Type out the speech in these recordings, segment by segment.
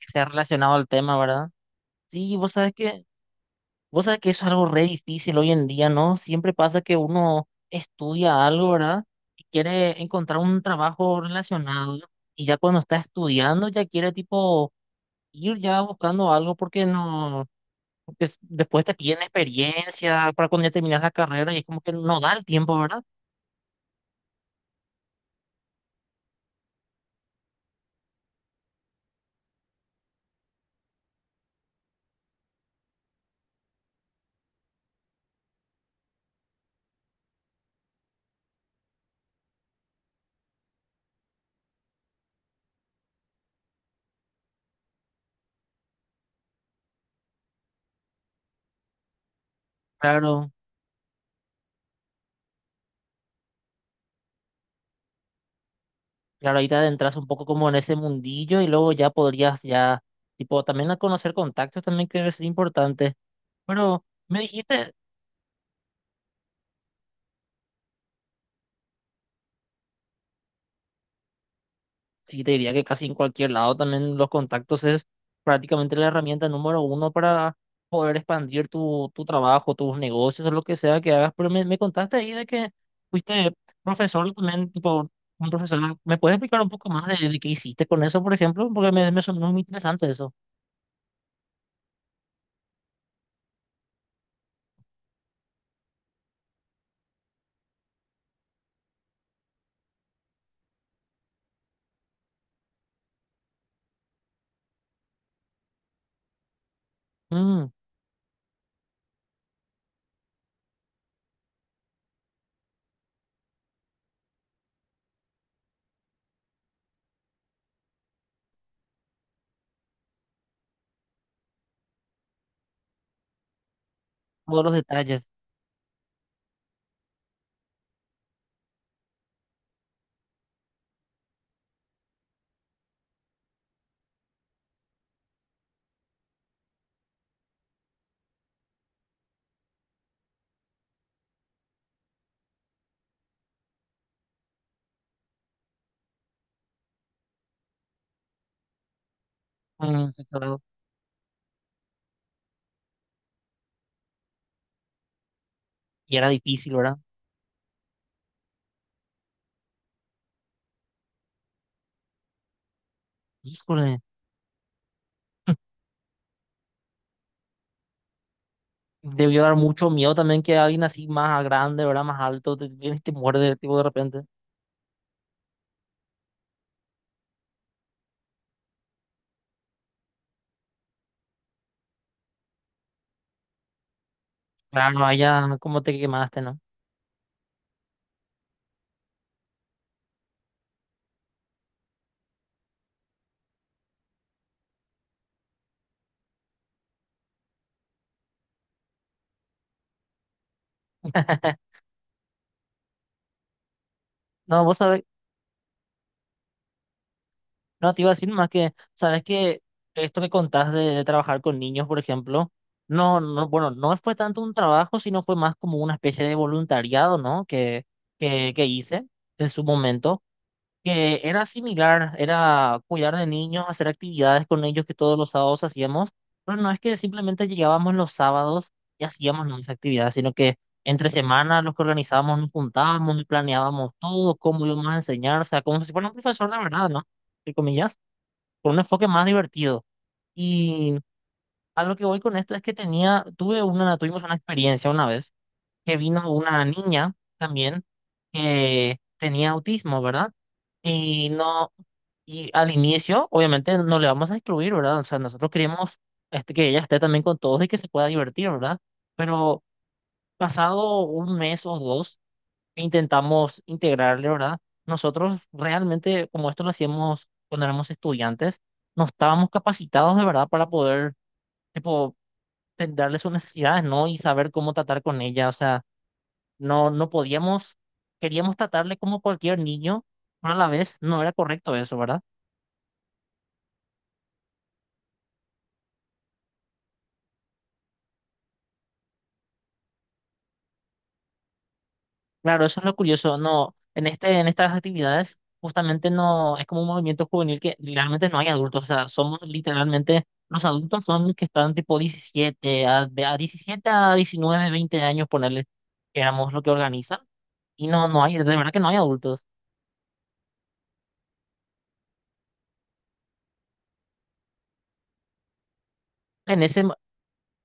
Que sea relacionado al tema, ¿verdad? Sí, vos sabes que eso es algo re difícil hoy en día, ¿no? Siempre pasa que uno estudia algo, ¿verdad? Y quiere encontrar un trabajo relacionado y ya cuando está estudiando ya quiere tipo ir ya buscando algo porque no, porque s- después te piden experiencia para cuando ya terminas la carrera y es como que no da el tiempo, ¿verdad? Claro, claro, ahí te adentras un poco como en ese mundillo y luego ya podrías ya, tipo, también a conocer contactos también que es importante. Pero me dijiste, sí, te diría que casi en cualquier lado también los contactos es prácticamente la herramienta número uno para poder expandir tu trabajo, tus negocios, o lo que sea que hagas. Pero me contaste ahí de que fuiste profesor también, tipo, un profesor. ¿Me puedes explicar un poco más de qué hiciste con eso, por ejemplo? Porque me sonó muy interesante eso. Mm. Todos los detalles. Mm, sí, claro. Y era difícil, ¿verdad? Híjole. Debió dar mucho miedo también que alguien así más grande, ¿verdad? Más alto, te, vienes y te muerde, tipo, de repente. Claro, allá como te quemaste, ¿no? No, vos sabés, no te iba a decir más que, sabes que esto que contás de trabajar con niños, por ejemplo, no, no, bueno, no fue tanto un trabajo, sino fue más como una especie de voluntariado, ¿no? Que hice en su momento. Que era similar, era cuidar de niños, hacer actividades con ellos que todos los sábados hacíamos, pero no es que simplemente llegábamos los sábados y hacíamos, ¿no?, esa actividad, sino que entre semanas los que organizábamos nos juntábamos y planeábamos todo, cómo íbamos a enseñar, o sea, como si fuera un profesor de verdad, ¿no? Entre comillas, con un enfoque más divertido. Y a lo que voy con esto es que tenía, tuve una, tuvimos una experiencia una vez que vino una niña también que tenía autismo, ¿verdad? Y no, y al inicio, obviamente, no le vamos a excluir, ¿verdad? O sea, nosotros queremos este, que ella esté también con todos y que se pueda divertir, ¿verdad? Pero pasado un mes o dos, intentamos integrarle, ¿verdad? Nosotros realmente, como esto lo hacíamos cuando éramos estudiantes, no estábamos capacitados de verdad para poder, tipo, darle sus necesidades, ¿no? Y saber cómo tratar con ella. O sea, no podíamos, queríamos tratarle como cualquier niño, pero a la vez no era correcto eso, ¿verdad? Claro, eso es lo curioso. No, en este, en estas actividades justamente no es como un movimiento juvenil que realmente no hay adultos. O sea, somos literalmente los adultos son los que están tipo 17 a, de a 17 a 19, 20 años, ponerle que éramos lo que organizan y no, no hay, de verdad que no hay adultos. En ese,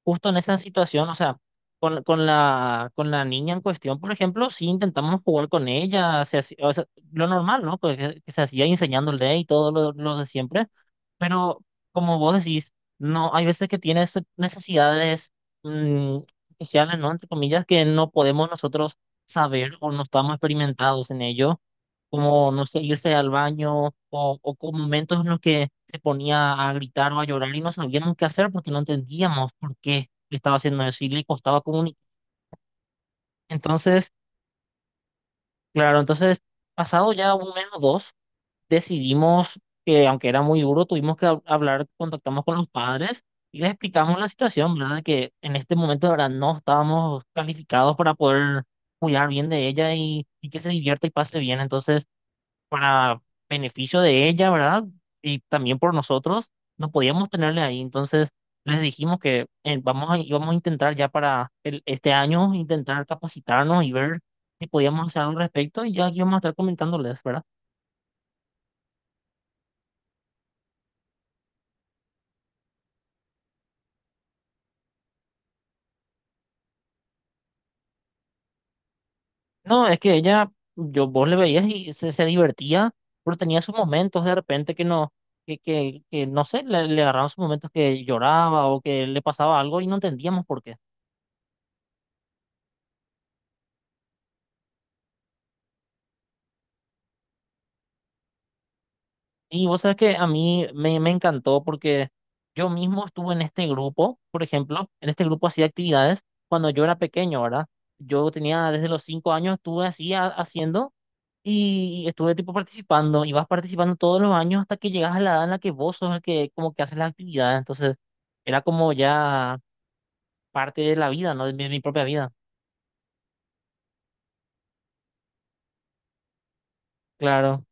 justo en esa situación, o sea, con la niña en cuestión, por ejemplo, sí intentamos jugar con ella, o sea, lo normal, ¿no? Pues que se hacía enseñándole y todo lo de siempre. Pero como vos decís, no, hay veces que tienes necesidades mm, especiales, ¿no? Entre comillas, que no podemos nosotros saber o no estamos experimentados en ello, como, no sé, irse al baño o con momentos en los que se ponía a gritar o a llorar y no sabíamos qué hacer porque no entendíamos por qué estaba haciendo eso y le costaba comunicar. Entonces, claro, entonces, pasado ya un mes o dos. Decidimos que, aunque era muy duro, tuvimos que hablar, contactamos con los padres y les explicamos la situación, ¿verdad? De que en este momento, de verdad, no estábamos calificados para poder cuidar bien de ella y que se divierta y pase bien. Entonces, para beneficio de ella, ¿verdad? Y también por nosotros, no podíamos tenerle ahí. Entonces, les dijimos que íbamos a intentar ya para este año, intentar capacitarnos y ver si podíamos hacer algo al respecto y ya aquí vamos a estar comentándoles, ¿verdad? No, es que ella, yo vos le veías y se divertía, pero tenía sus momentos de repente que no, que no sé, le agarraban sus momentos que lloraba o que le pasaba algo y no entendíamos por qué. Y vos sabes que a mí me encantó porque yo mismo estuve en este grupo, por ejemplo, en este grupo hacía actividades cuando yo era pequeño, ¿verdad? Yo tenía desde los 5 años, estuve así haciendo. Y, estuve tipo participando, y vas participando todos los años hasta que llegas a la edad en la que vos sos el que como que haces las actividades. Entonces, era como ya parte de la vida, ¿no? De mi, propia vida. Claro,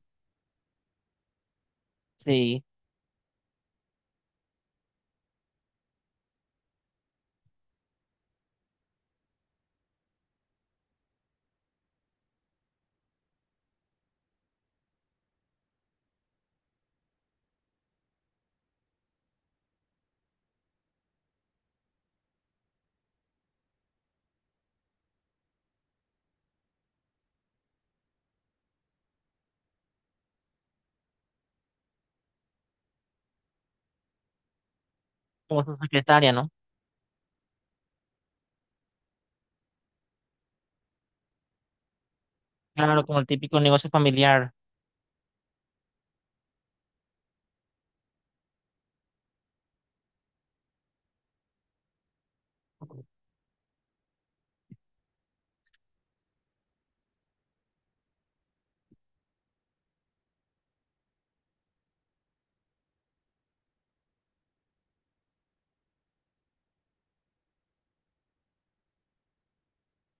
sí. Como su secretaria, ¿no? Claro, como el típico negocio familiar.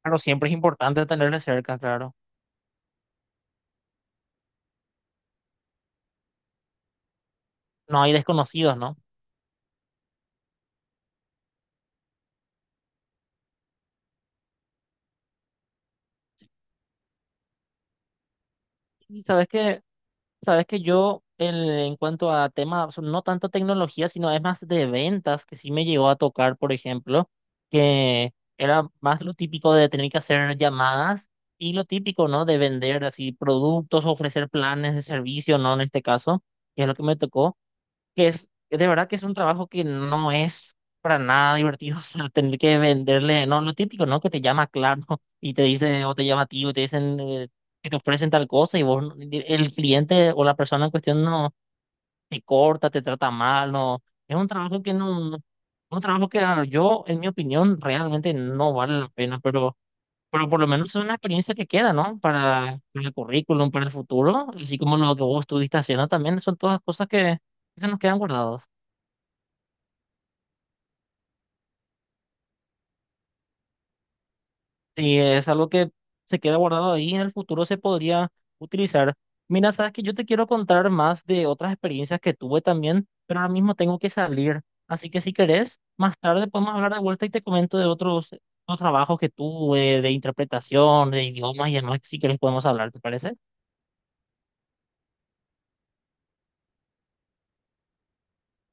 Claro, siempre es importante tenerle cerca, claro. No hay desconocidos, ¿no? Y sabes que Sabes que en cuanto a temas, o sea, no tanto tecnología, sino es más de ventas, que sí me llegó a tocar, por ejemplo, que era más lo típico de tener que hacer llamadas y lo típico, ¿no? De vender así productos, ofrecer planes de servicio, ¿no? En este caso, que es lo que me tocó que es, de verdad que es un trabajo que no es para nada divertido, o sea, tener que venderle, no, lo típico, ¿no? Que te llama Claro y te dice, o te llama tío, y te dicen que te ofrecen tal cosa y vos, no- el cliente o la persona en cuestión no te corta, te trata mal, no, es un trabajo que no, no, un trabajo que ah, yo, en mi opinión, realmente no vale la pena, pero... Pero por lo menos es una experiencia que queda, ¿no? Para el currículum, para el futuro, así como lo que vos estuviste haciendo también, son todas cosas que se nos quedan guardados. Sí, es algo que se queda guardado ahí y en el futuro se podría utilizar. Mira, sabes que yo te quiero contar más de otras experiencias que tuve también, pero ahora mismo tengo que salir. Así que si querés, más tarde podemos hablar de vuelta y te comento de otros, otros trabajos que tuve, de interpretación, de idiomas y demás, que si querés podemos hablar, ¿te parece?